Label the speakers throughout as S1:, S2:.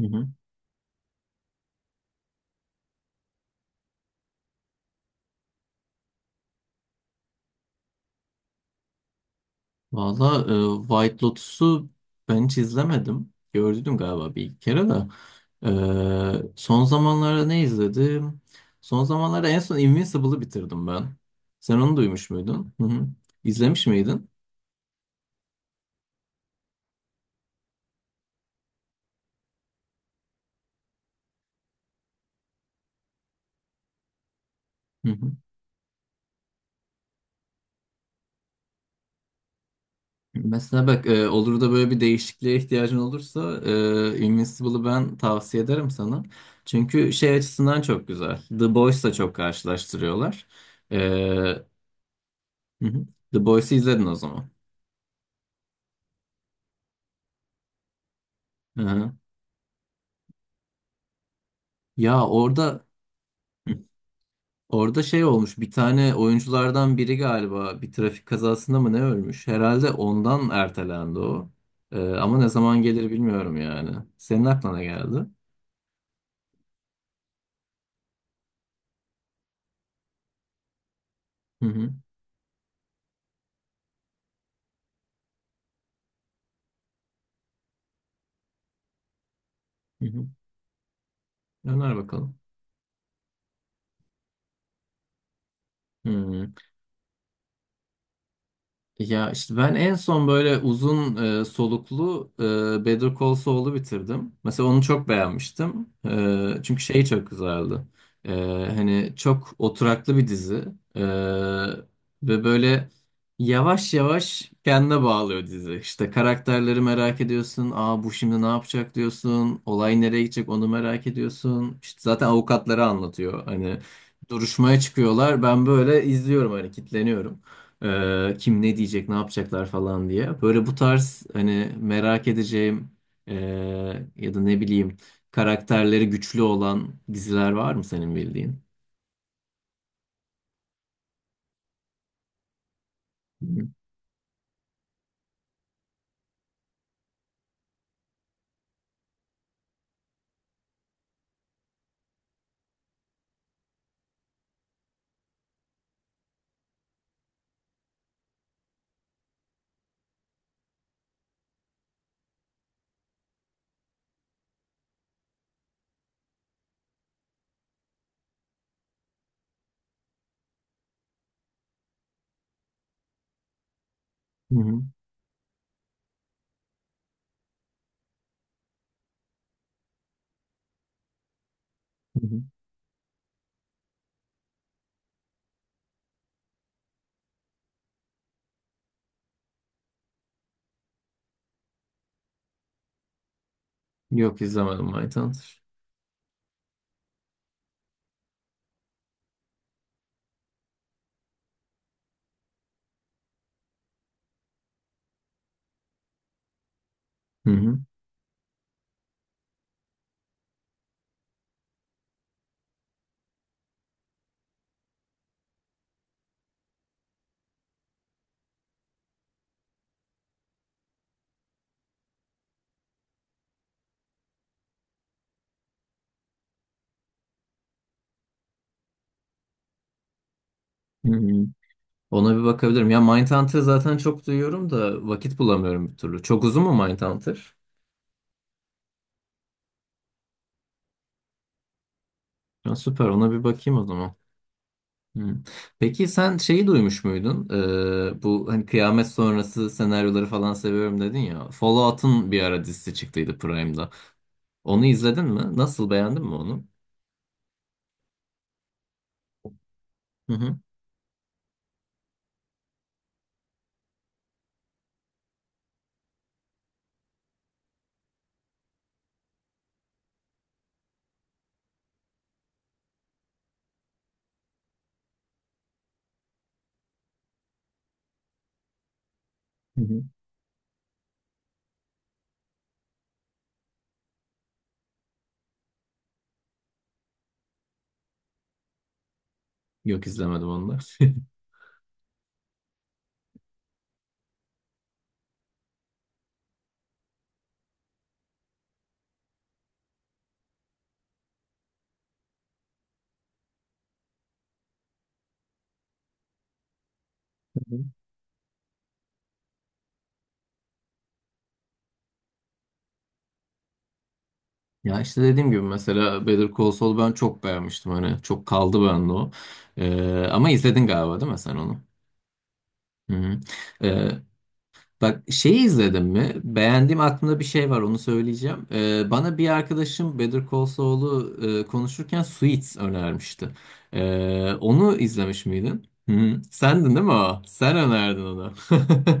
S1: Hı hı. Valla White Lotus'u ben hiç izlemedim. Gördüm galiba bir iki kere de. Son zamanlarda ne izledim? Son zamanlarda en son Invincible'ı bitirdim ben. Sen onu duymuş muydun? Hı hı. İzlemiş miydin? Hı hı. Mesela bak, olur da böyle bir değişikliğe ihtiyacın olursa Invincible'ı ben tavsiye ederim sana. Çünkü şey açısından çok güzel. The Boys'la çok karşılaştırıyorlar. E, hı hı. The Boys'u izledin o zaman. Hı hı. Ya orada Hı. orada şey olmuş, bir tane oyunculardan biri galiba bir trafik kazasında mı ne ölmüş? Herhalde ondan ertelendi o. Ama ne zaman gelir bilmiyorum yani. Senin aklına geldi. Hı hı. Hı hı. Öner bakalım. Hı. Ya işte ben en son böyle uzun soluklu Better Call Saul'u bitirdim. Mesela onu çok beğenmiştim. Çünkü şey çok güzeldi. E, hani çok oturaklı bir dizi. E, ve böyle yavaş yavaş kendine bağlıyor dizi. İşte karakterleri merak ediyorsun. Aa, bu şimdi ne yapacak diyorsun. Olay nereye gidecek onu merak ediyorsun. İşte zaten avukatları anlatıyor. Hani duruşmaya çıkıyorlar. Ben böyle izliyorum hani kitleniyorum. Kim ne diyecek, ne yapacaklar falan diye. Böyle bu tarz hani merak edeceğim, ee, ya da ne bileyim karakterleri güçlü olan diziler var mı senin bildiğin? Hı hı. Hı hı. Yok izlemedim Mindhunter. Hı hı. Hı hı. Ona bir bakabilirim. Ya Mindhunter zaten çok duyuyorum da vakit bulamıyorum bir türlü. Çok uzun mu Mindhunter? Ya süper, ona bir bakayım o zaman. Hmm. Peki sen şeyi duymuş muydun? Bu hani kıyamet sonrası senaryoları falan seviyorum dedin ya. Fallout'un bir ara dizisi çıktıydı Prime'da. Onu izledin mi? Nasıl, beğendin mi onu? Hı hı. Hı hı. Yok izlemedim onu da. Hı hı. Ya işte dediğim gibi mesela Better Call Saul ben çok beğenmiştim, hani çok kaldı bende o. Ama izledin galiba değil mi sen onu? Hı hı. Ee, bak şeyi izledim mi? Beğendiğim aklımda bir şey var, onu söyleyeceğim. Bana bir arkadaşım Better Call Saul'u konuşurken Suits önermişti. Onu izlemiş miydin? Hı, sendin değil mi o? Sen önerdin onu.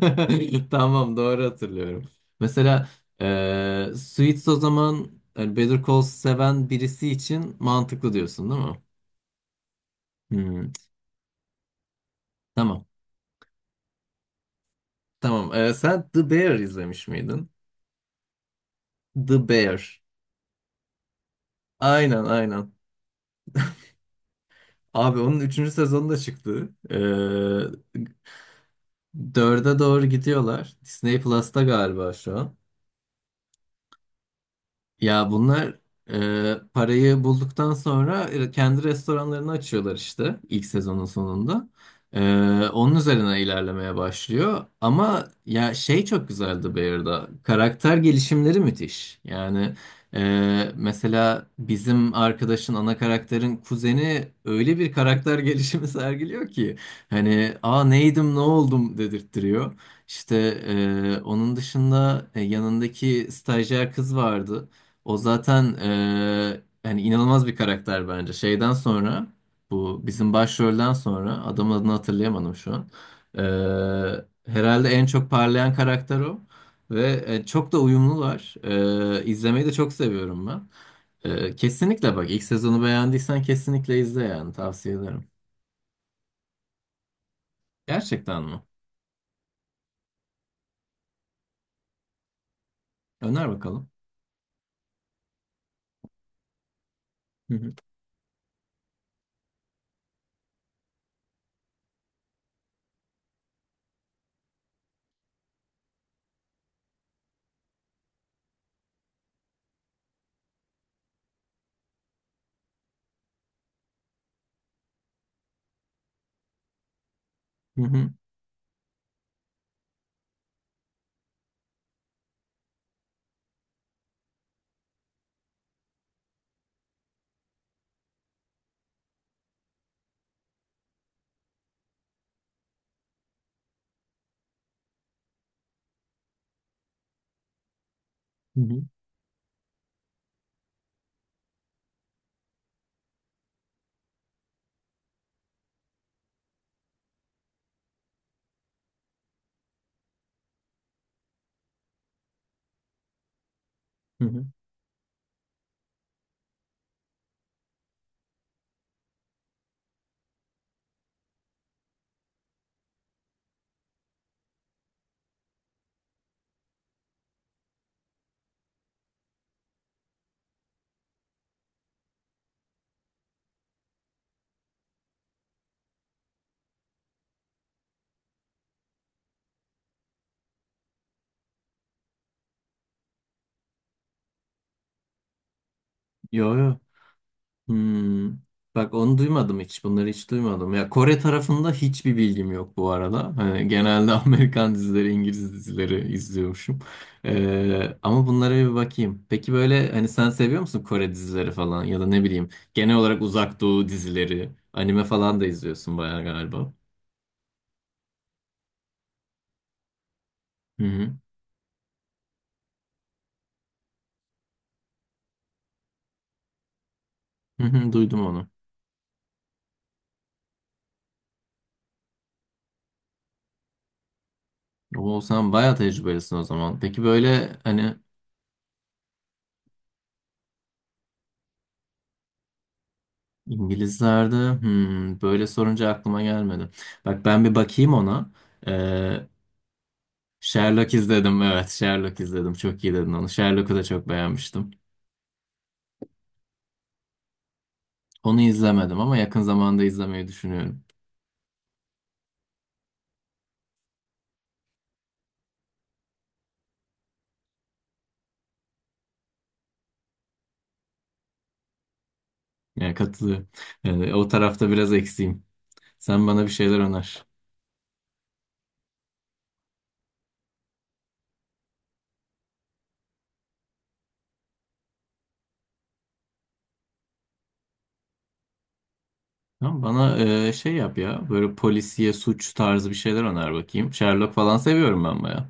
S1: Tamam, doğru hatırlıyorum. Mesela Suits o zaman, yani Better Call seven birisi için mantıklı diyorsun değil mi? Hı, tamam. Tamam. Sen The Bear izlemiş miydin? The Bear. Aynen aynen. Abi onun üçüncü sezonu da çıktı. 4'e doğru gidiyorlar. Disney Plus'ta galiba şu an. Ya bunlar parayı bulduktan sonra kendi restoranlarını açıyorlar işte ilk sezonun sonunda. E, onun üzerine ilerlemeye başlıyor. Ama ya şey çok güzeldi Bear'da. Karakter gelişimleri müthiş. Yani mesela bizim arkadaşın ana karakterin kuzeni öyle bir karakter gelişimi sergiliyor ki hani aa neydim ne oldum dedirttiriyor. İşte onun dışında yanındaki stajyer kız vardı. O zaten yani inanılmaz bir karakter bence. Şeyden sonra bu bizim başrolden sonra adamın adını hatırlayamadım şu an. Eee, herhalde en çok parlayan karakter o ve çok da uyumlular. İzlemeyi de çok seviyorum ben. Kesinlikle bak ilk sezonu beğendiysen kesinlikle izle, yani tavsiye ederim. Gerçekten mi? Öner bakalım. Hı hı. Hı hı. Hı hı. Hı hı. Yo yo. Hmm. Bak onu duymadım hiç. Bunları hiç duymadım. Ya Kore tarafında hiçbir bilgim yok bu arada. Hani genelde Amerikan dizileri, İngiliz dizileri izliyormuşum. Ama bunlara bir bakayım. Peki böyle hani sen seviyor musun Kore dizileri falan, ya da ne bileyim genel olarak Uzak Doğu dizileri, anime falan da izliyorsun bayağı galiba. Hı hı. Hı hı, duydum onu. O sen bayağı tecrübelisin o zaman. Peki böyle hani İngilizlerde hmm, böyle sorunca aklıma gelmedi. Bak ben bir bakayım ona. Ee, Sherlock izledim. Evet, Sherlock izledim. Çok iyi dedin onu. Sherlock'u da çok beğenmiştim. Onu izlemedim ama yakın zamanda izlemeyi düşünüyorum. Yani katılıyorum. O tarafta biraz eksiğim. Sen bana bir şeyler öner. Tamam, bana şey yap ya. Böyle polisiye, suç tarzı bir şeyler öner bakayım. Sherlock falan seviyorum ben baya.